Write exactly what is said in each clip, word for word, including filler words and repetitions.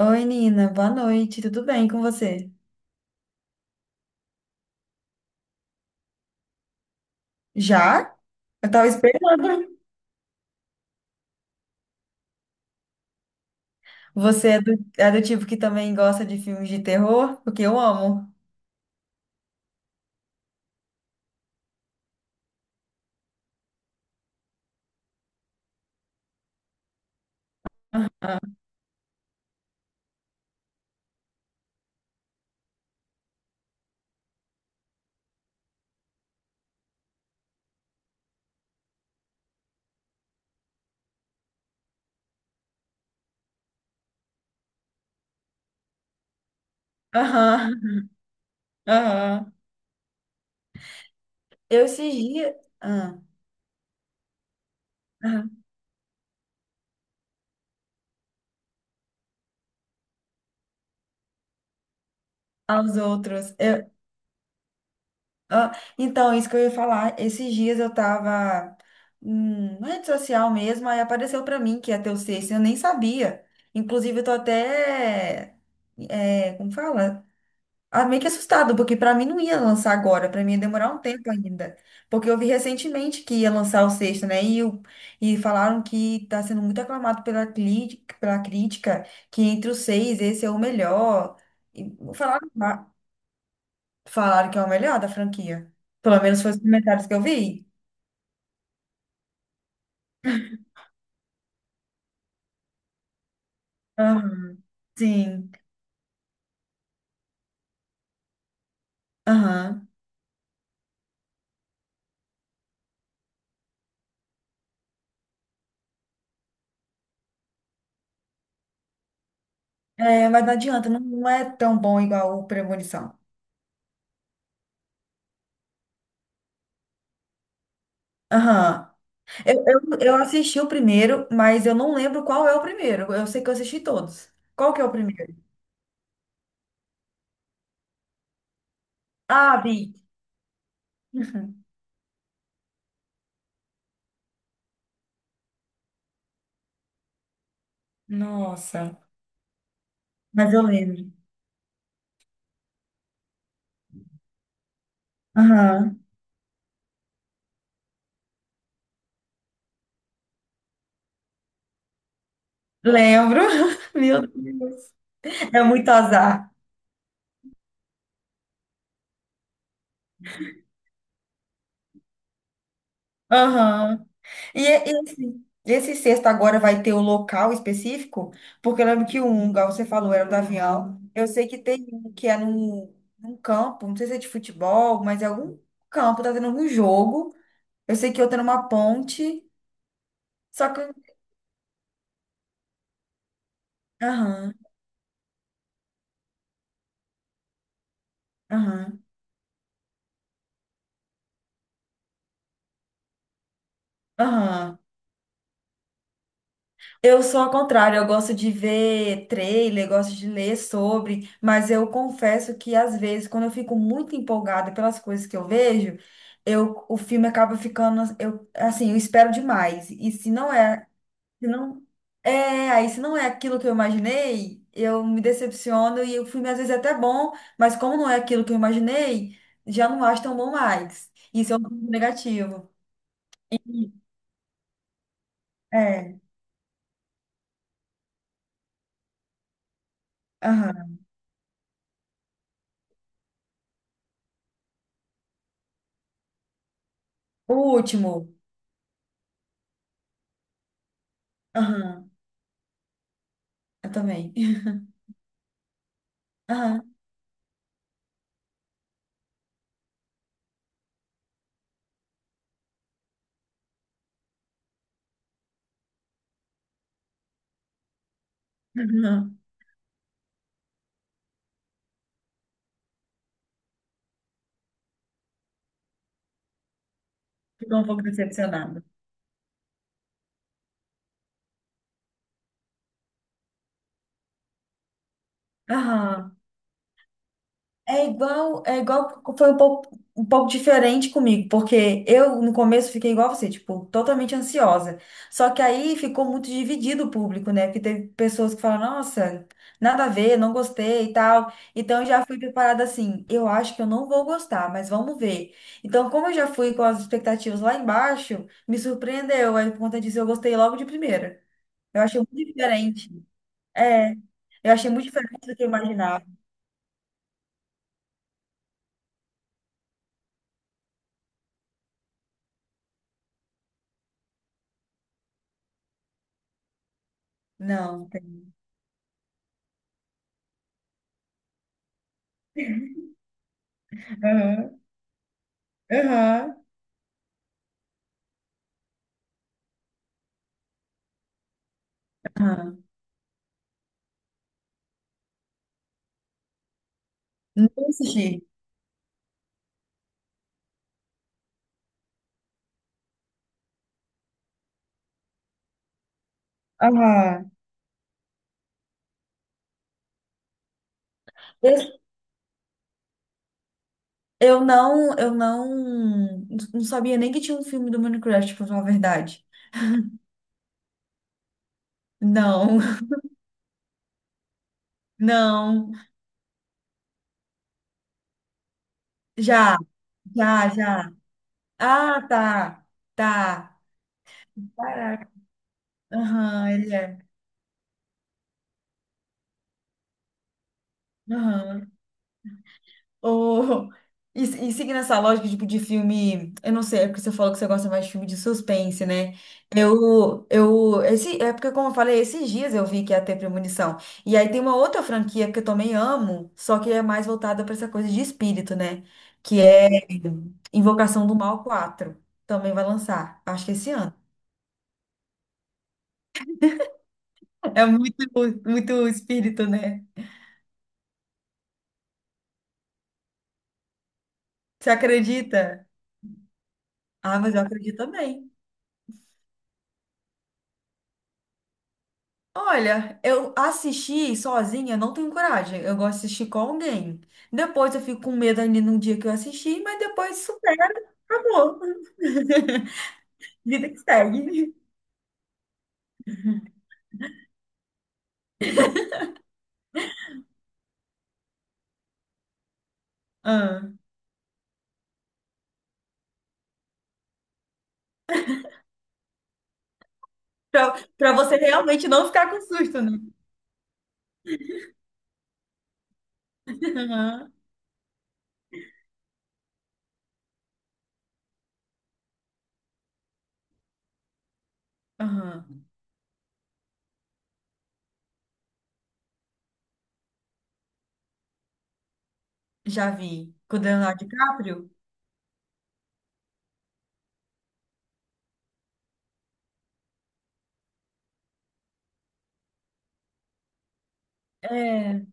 Oi, Nina, boa noite, tudo bem com você? Já? Eu tava esperando. Você é do, é do tipo que também gosta de filmes de terror? Porque eu amo. Ah, aham. Aham. Eu esses dias. Ah, aham. Aos outros. Eu, ah, então, isso que eu ia falar. Esses dias eu tava hum, na rede social mesmo, aí apareceu pra mim que ia ter o sexto, eu nem sabia. Inclusive, eu tô até. É, como fala? Ah, meio que assustado, porque pra mim não ia lançar agora, pra mim ia demorar um tempo ainda. Porque eu vi recentemente que ia lançar o sexto, né? E, o- e falaram que tá sendo muito aclamado pela, cli- pela crítica, que entre os seis esse é o melhor. E falaram, ah, falaram que é o melhor da franquia. Pelo menos foi os comentários que eu vi. Aham, sim. Aham. É, mas não adianta, não, não é tão bom igual o Premonição. Aham. Eu, eu, eu assisti o primeiro, mas eu não lembro qual é o primeiro. Eu sei que eu assisti todos. Qual que é o primeiro? Ah, vi. Uhum. Nossa. Mas eu lembro. Aham. Lembro. Meu Deus. É muito azar. Aham. E é- e esse, esse sexto agora vai ter o local específico? Porque eu lembro que um, igual você falou, era do avião. Eu sei que tem um que é num, num campo, não sei se é de futebol, mas é algum campo, tá tendo algum jogo. Eu sei que outro é numa ponte. Só que. Aham, aham, aham. Eu sou ao contrário, eu gosto de ver trailer, gosto de ler sobre, mas eu confesso que às vezes, quando eu fico muito empolgada pelas coisas que eu vejo, eu, o filme acaba ficando, eu, assim, eu espero demais. E se não é, se não é, aí se não é aquilo que eu imaginei, eu me decepciono e o filme às vezes é até bom, mas como não é aquilo que eu imaginei, já não acho tão bom mais. Isso é um ponto negativo. É, aham. O último. Aham, eu também. Aham, aham. Ficou um pouco decepcionada. Aham. É igual, é igual, foi um pouco, um pouco diferente comigo, porque eu no começo fiquei igual você, tipo, totalmente ansiosa. Só que aí ficou muito dividido o público, né? Porque teve pessoas que falaram, nossa, nada a ver, não gostei e tal. Então eu já fui preparada assim, eu acho que eu não vou gostar, mas vamos ver. Então, como eu já fui com as expectativas lá embaixo, me surpreendeu. Aí por conta disso eu gostei logo de primeira. Eu achei muito diferente. É, eu achei muito diferente do que eu imaginava. Não, tem. Aham, aham. Aham. Não assisti. Aham. Esse- Eu não, eu não, não sabia nem que tinha um filme do Minecraft, pra falar a verdade. Não, não. Já, já, já. Ah, tá, tá. Caraca. Aham, ele é. Aham. Ou, e, e seguindo essa lógica, tipo, de filme, eu não sei, é porque você falou que você gosta mais de filme de suspense, né? Eu, eu, esse, é porque, como eu falei, esses dias eu vi que ia ter Premonição. E aí tem uma outra franquia que eu também amo, só que é mais voltada para essa coisa de espírito, né? Que é Invocação do Mal quatro. Também vai lançar, acho que esse ano. É muito, muito espírito, né? Você acredita? Ah, mas eu acredito também. Olha, eu assistir sozinha, não tenho coragem. Eu gosto de assistir com alguém. Depois eu fico com medo ainda no dia que eu assisti, mas depois supera, acabou. Vida que segue. Ah. Pra, pra você realmente não ficar com susto, né? Aham. Aham. Já vi. Com o Leonardo DiCaprio? É.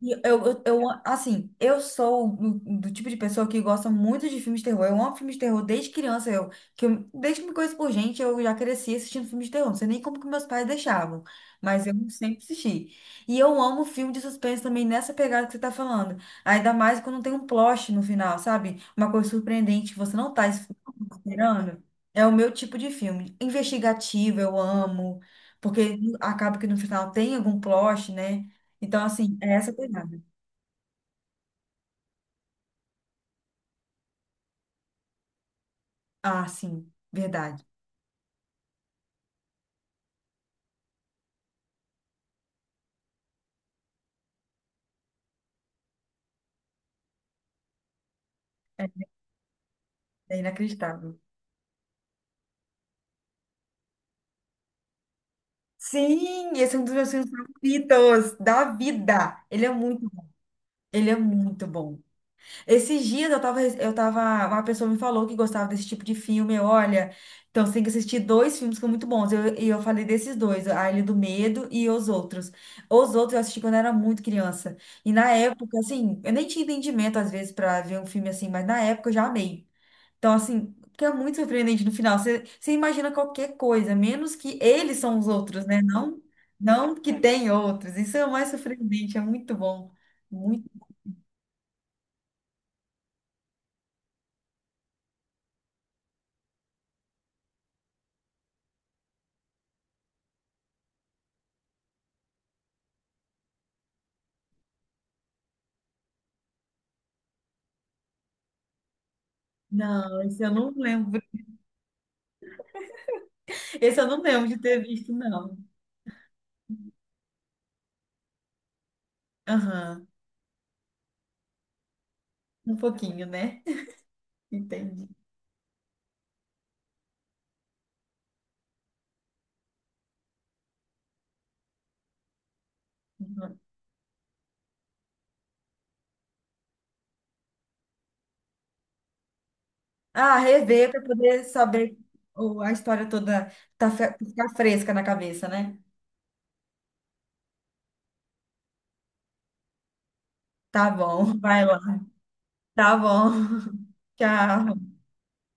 E Eu, eu, eu, assim, eu sou do, do tipo de pessoa que gosta muito de filmes de terror. Eu amo filmes de terror desde criança. Eu, que eu, desde que me conheço por gente, eu já cresci assistindo filmes de terror. Não sei nem como que meus pais deixavam, mas eu sempre assisti. E eu amo filme de suspense também nessa pegada que você tá falando. Ainda mais quando tem um plot no final, sabe? Uma coisa surpreendente que você não tá es- esperando. É o meu tipo de filme. Investigativo, eu amo. Porque acaba que no final tem algum plot, né? Então, assim, é essa pegada. Ah, sim, verdade. É, é inacreditável. Sim, esse é um dos meus filmes favoritos da vida. Ele é muito, ele é muito bom. Esses dias eu tava, eu tava, uma pessoa me falou que gostava desse tipo de filme. Eu, olha, então você tem que assistir dois filmes que são muito bons. Eu- E eu, falei desses dois, A Ilha do Medo e Os Outros. Os Outros eu assisti quando eu era muito criança. E na época, assim, eu nem tinha entendimento às vezes pra ver um filme assim, mas na época eu já amei. Então, assim, que é muito surpreendente no final. Você, você imagina qualquer coisa, menos que eles são os outros, né? Não, não que tem outros. Isso é o mais surpreendente, é muito bom. Muito... Não, esse eu não lembro. Esse eu não lembro de ter visto, não. Aham, um pouquinho, né? Entendi. Uhum. Ah, rever para poder saber o- a história toda, tá, fe- ficar fresca na cabeça, né? Tá bom, vai lá. Tá bom, tchau.